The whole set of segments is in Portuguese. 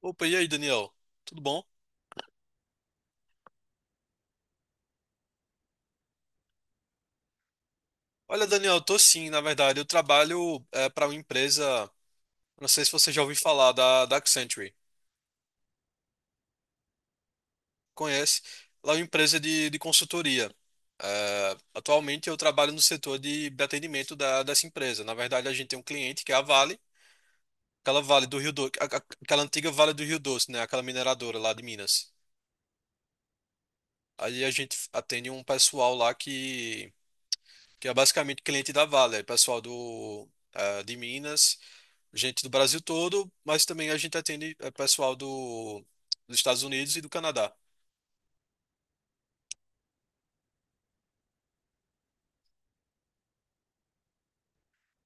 Opa, e aí, Daniel? Tudo bom? Olha, Daniel, eu tô sim, na verdade. Eu trabalho para uma empresa, não sei se você já ouviu falar, da Accenture. Conhece? Ela é uma empresa de consultoria. É, atualmente eu trabalho no setor de atendimento dessa empresa. Na verdade, a gente tem um cliente que é a Vale, aquela Vale do Rio Doce, aquela antiga Vale do Rio Doce, né? Aquela mineradora lá de Minas. Aí a gente atende um pessoal lá que é basicamente cliente da Vale, é pessoal de Minas. Gente do Brasil todo, mas também a gente atende pessoal dos Estados Unidos e do Canadá.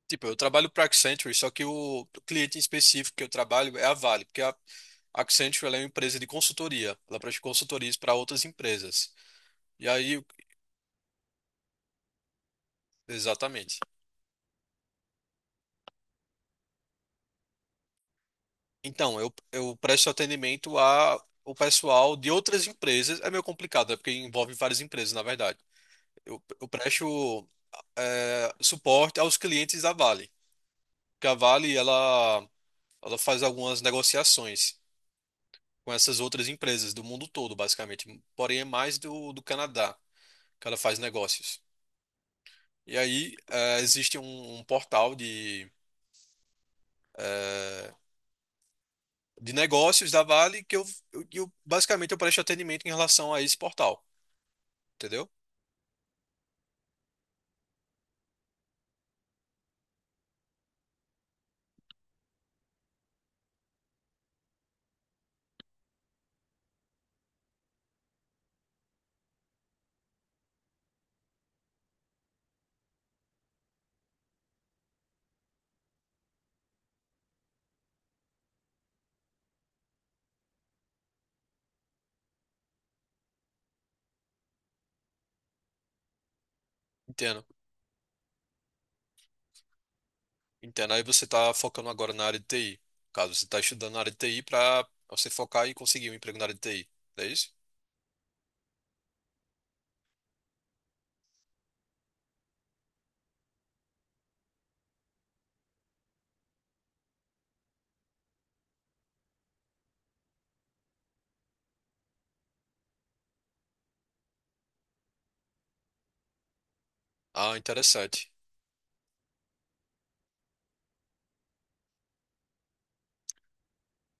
Tipo, eu trabalho para Accenture, só que o cliente em específico que eu trabalho é a Vale, porque a Accenture ela é uma empresa de consultoria, ela presta consultorias para outras empresas. E aí, exatamente. Então, eu presto atendimento a o pessoal de outras empresas. É meio complicado, é porque envolve várias empresas, na verdade. Eu presto suporte aos clientes da Vale. Porque a Vale, ela faz algumas negociações com essas outras empresas do mundo todo, basicamente. Porém, é mais do Canadá que ela faz negócios. E aí, existe um portal de negócios da Vale que basicamente eu presto atendimento em relação a esse portal. Entendeu? Entendo. Entendo. Aí você está focando agora na área de TI. No caso você está estudando na área de TI para você focar e conseguir um emprego na área de TI. É isso? Ah, interessante.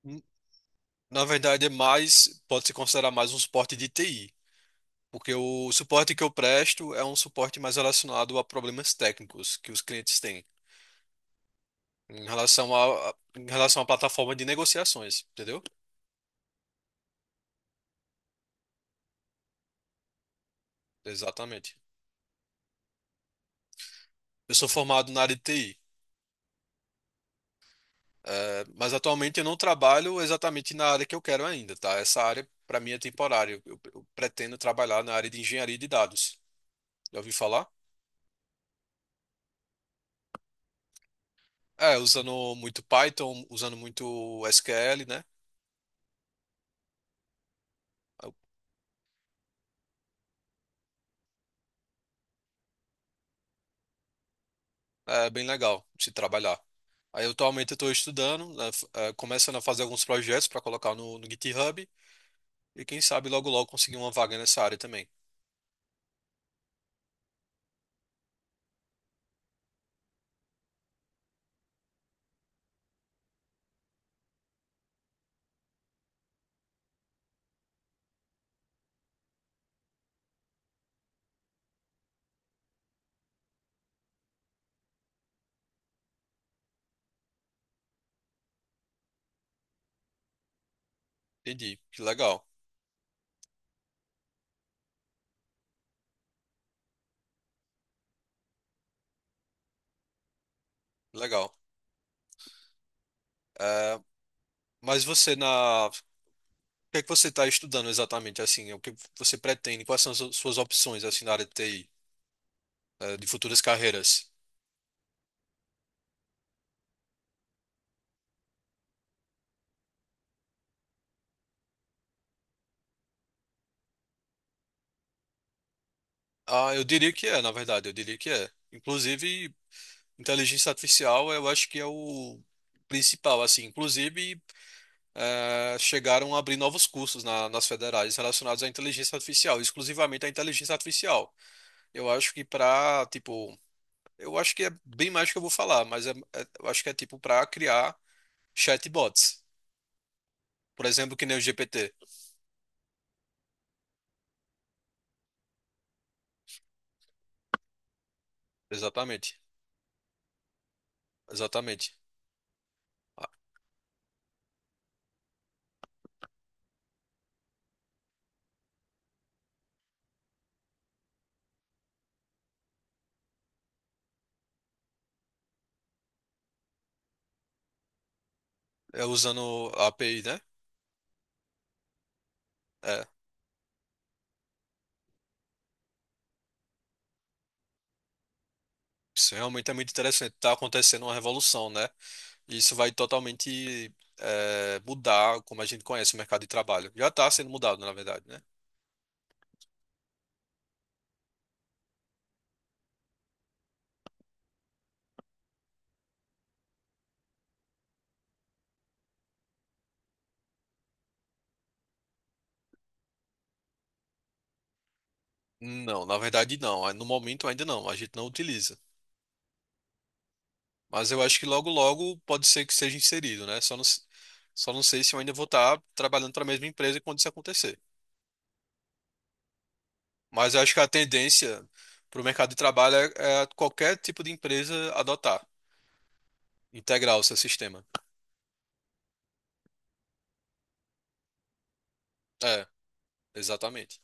N- Na verdade, é mais, pode se considerar mais um suporte de TI. Porque o suporte que eu presto é um suporte mais relacionado a problemas técnicos que os clientes têm em relação a, em relação à plataforma de negociações, entendeu? Exatamente. Eu sou formado na área de TI, mas atualmente eu não trabalho exatamente na área que eu quero ainda, tá? Essa área para mim é temporária. Eu pretendo trabalhar na área de engenharia de dados. Já ouvi falar? É, usando muito Python, usando muito SQL, né? É bem legal se trabalhar. Aí atualmente eu estou estudando, né, começando a fazer alguns projetos para colocar no GitHub e quem sabe logo logo conseguir uma vaga nessa área também. Entendi. Que legal, que legal. Eh, mas o que é que você está estudando exatamente assim? O que você pretende? Quais são as suas opções assim na área de TI, de futuras carreiras? Ah, eu diria que é, na verdade, eu diria que é. Inclusive, inteligência artificial, eu acho que é o principal, assim, inclusive chegaram a abrir novos cursos nas federais relacionados à inteligência artificial, exclusivamente à inteligência artificial. Eu acho que para, tipo, eu acho que é bem mais do que eu vou falar, mas eu acho que é tipo para criar chatbots, por exemplo, que nem o GPT. Exatamente, exatamente. Ah, é usando a API, né? É, isso realmente é muito interessante. Está acontecendo uma revolução, né? E isso vai totalmente mudar como a gente conhece o mercado de trabalho. Já está sendo mudado, na verdade, né? Não, na verdade não. No momento ainda não, a gente não utiliza. Mas eu acho que logo logo pode ser que seja inserido, né? Só não sei se eu ainda vou estar trabalhando para a mesma empresa quando isso acontecer. Mas eu acho que a tendência para o mercado de trabalho é qualquer tipo de empresa adotar, integrar o seu sistema. É, exatamente.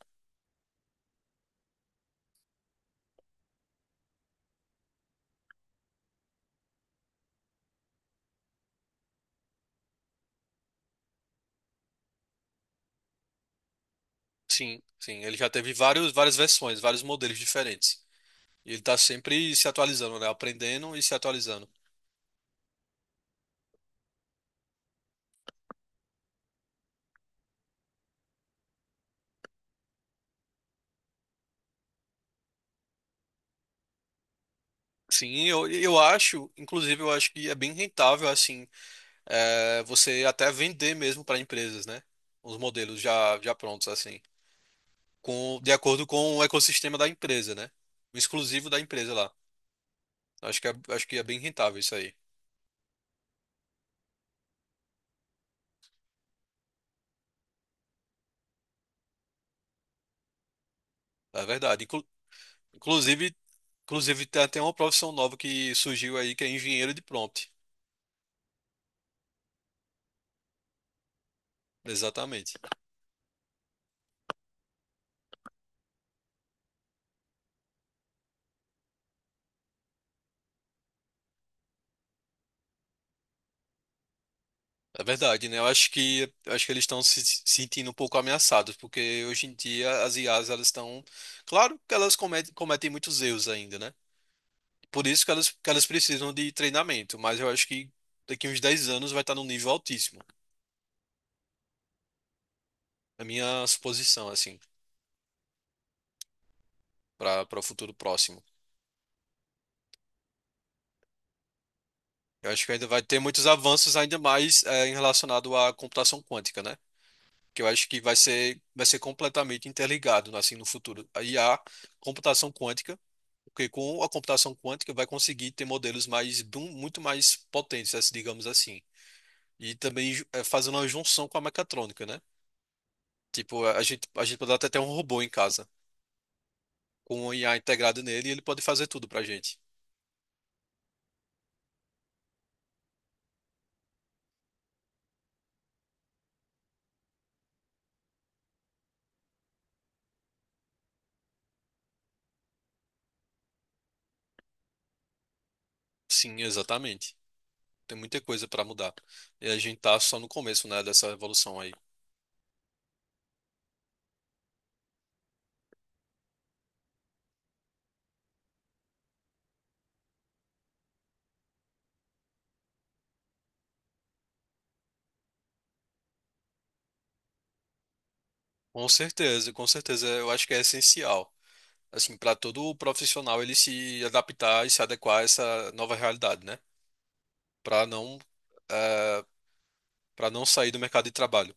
Sim, sim. Ele já teve várias versões, vários modelos diferentes. E ele está sempre se atualizando, né? Aprendendo e se atualizando. Sim, eu acho, inclusive, eu acho que é bem rentável, assim, você até vender mesmo para empresas, né? Os modelos já prontos, assim, de acordo com o ecossistema da empresa, né? O exclusivo da empresa lá. Acho que é bem rentável isso aí, é verdade. Inclusive, inclusive, tem até uma profissão nova que surgiu aí, que é engenheiro de prompt. Exatamente. É verdade, né? Eu acho que eles estão se sentindo um pouco ameaçados, porque hoje em dia as IAs elas estão, claro que elas cometem muitos erros ainda, né? Por isso que elas precisam de treinamento, mas eu acho que daqui uns 10 anos vai estar num nível altíssimo. A minha suposição, assim, para o futuro próximo. Eu acho que ainda vai ter muitos avanços, ainda mais em relacionado à computação quântica, né? Que eu acho que vai ser completamente interligado, assim, no futuro. Aí a computação quântica, porque com a computação quântica vai conseguir ter modelos muito mais potentes, assim, digamos assim. E também fazendo uma junção com a mecatrônica, né? Tipo, a gente pode até ter um robô em casa. Com o IA integrado nele, ele pode fazer tudo pra gente. Sim, exatamente. Tem muita coisa pra mudar. E a gente tá só no começo, né, dessa evolução aí. Com certeza, com certeza. Eu acho que é essencial, assim, para todo profissional ele se adaptar e se adequar a essa nova realidade, né? para não, para não sair do mercado de trabalho.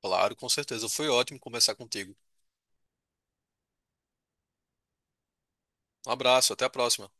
Claro, com certeza. Foi ótimo conversar contigo. Um abraço, até a próxima.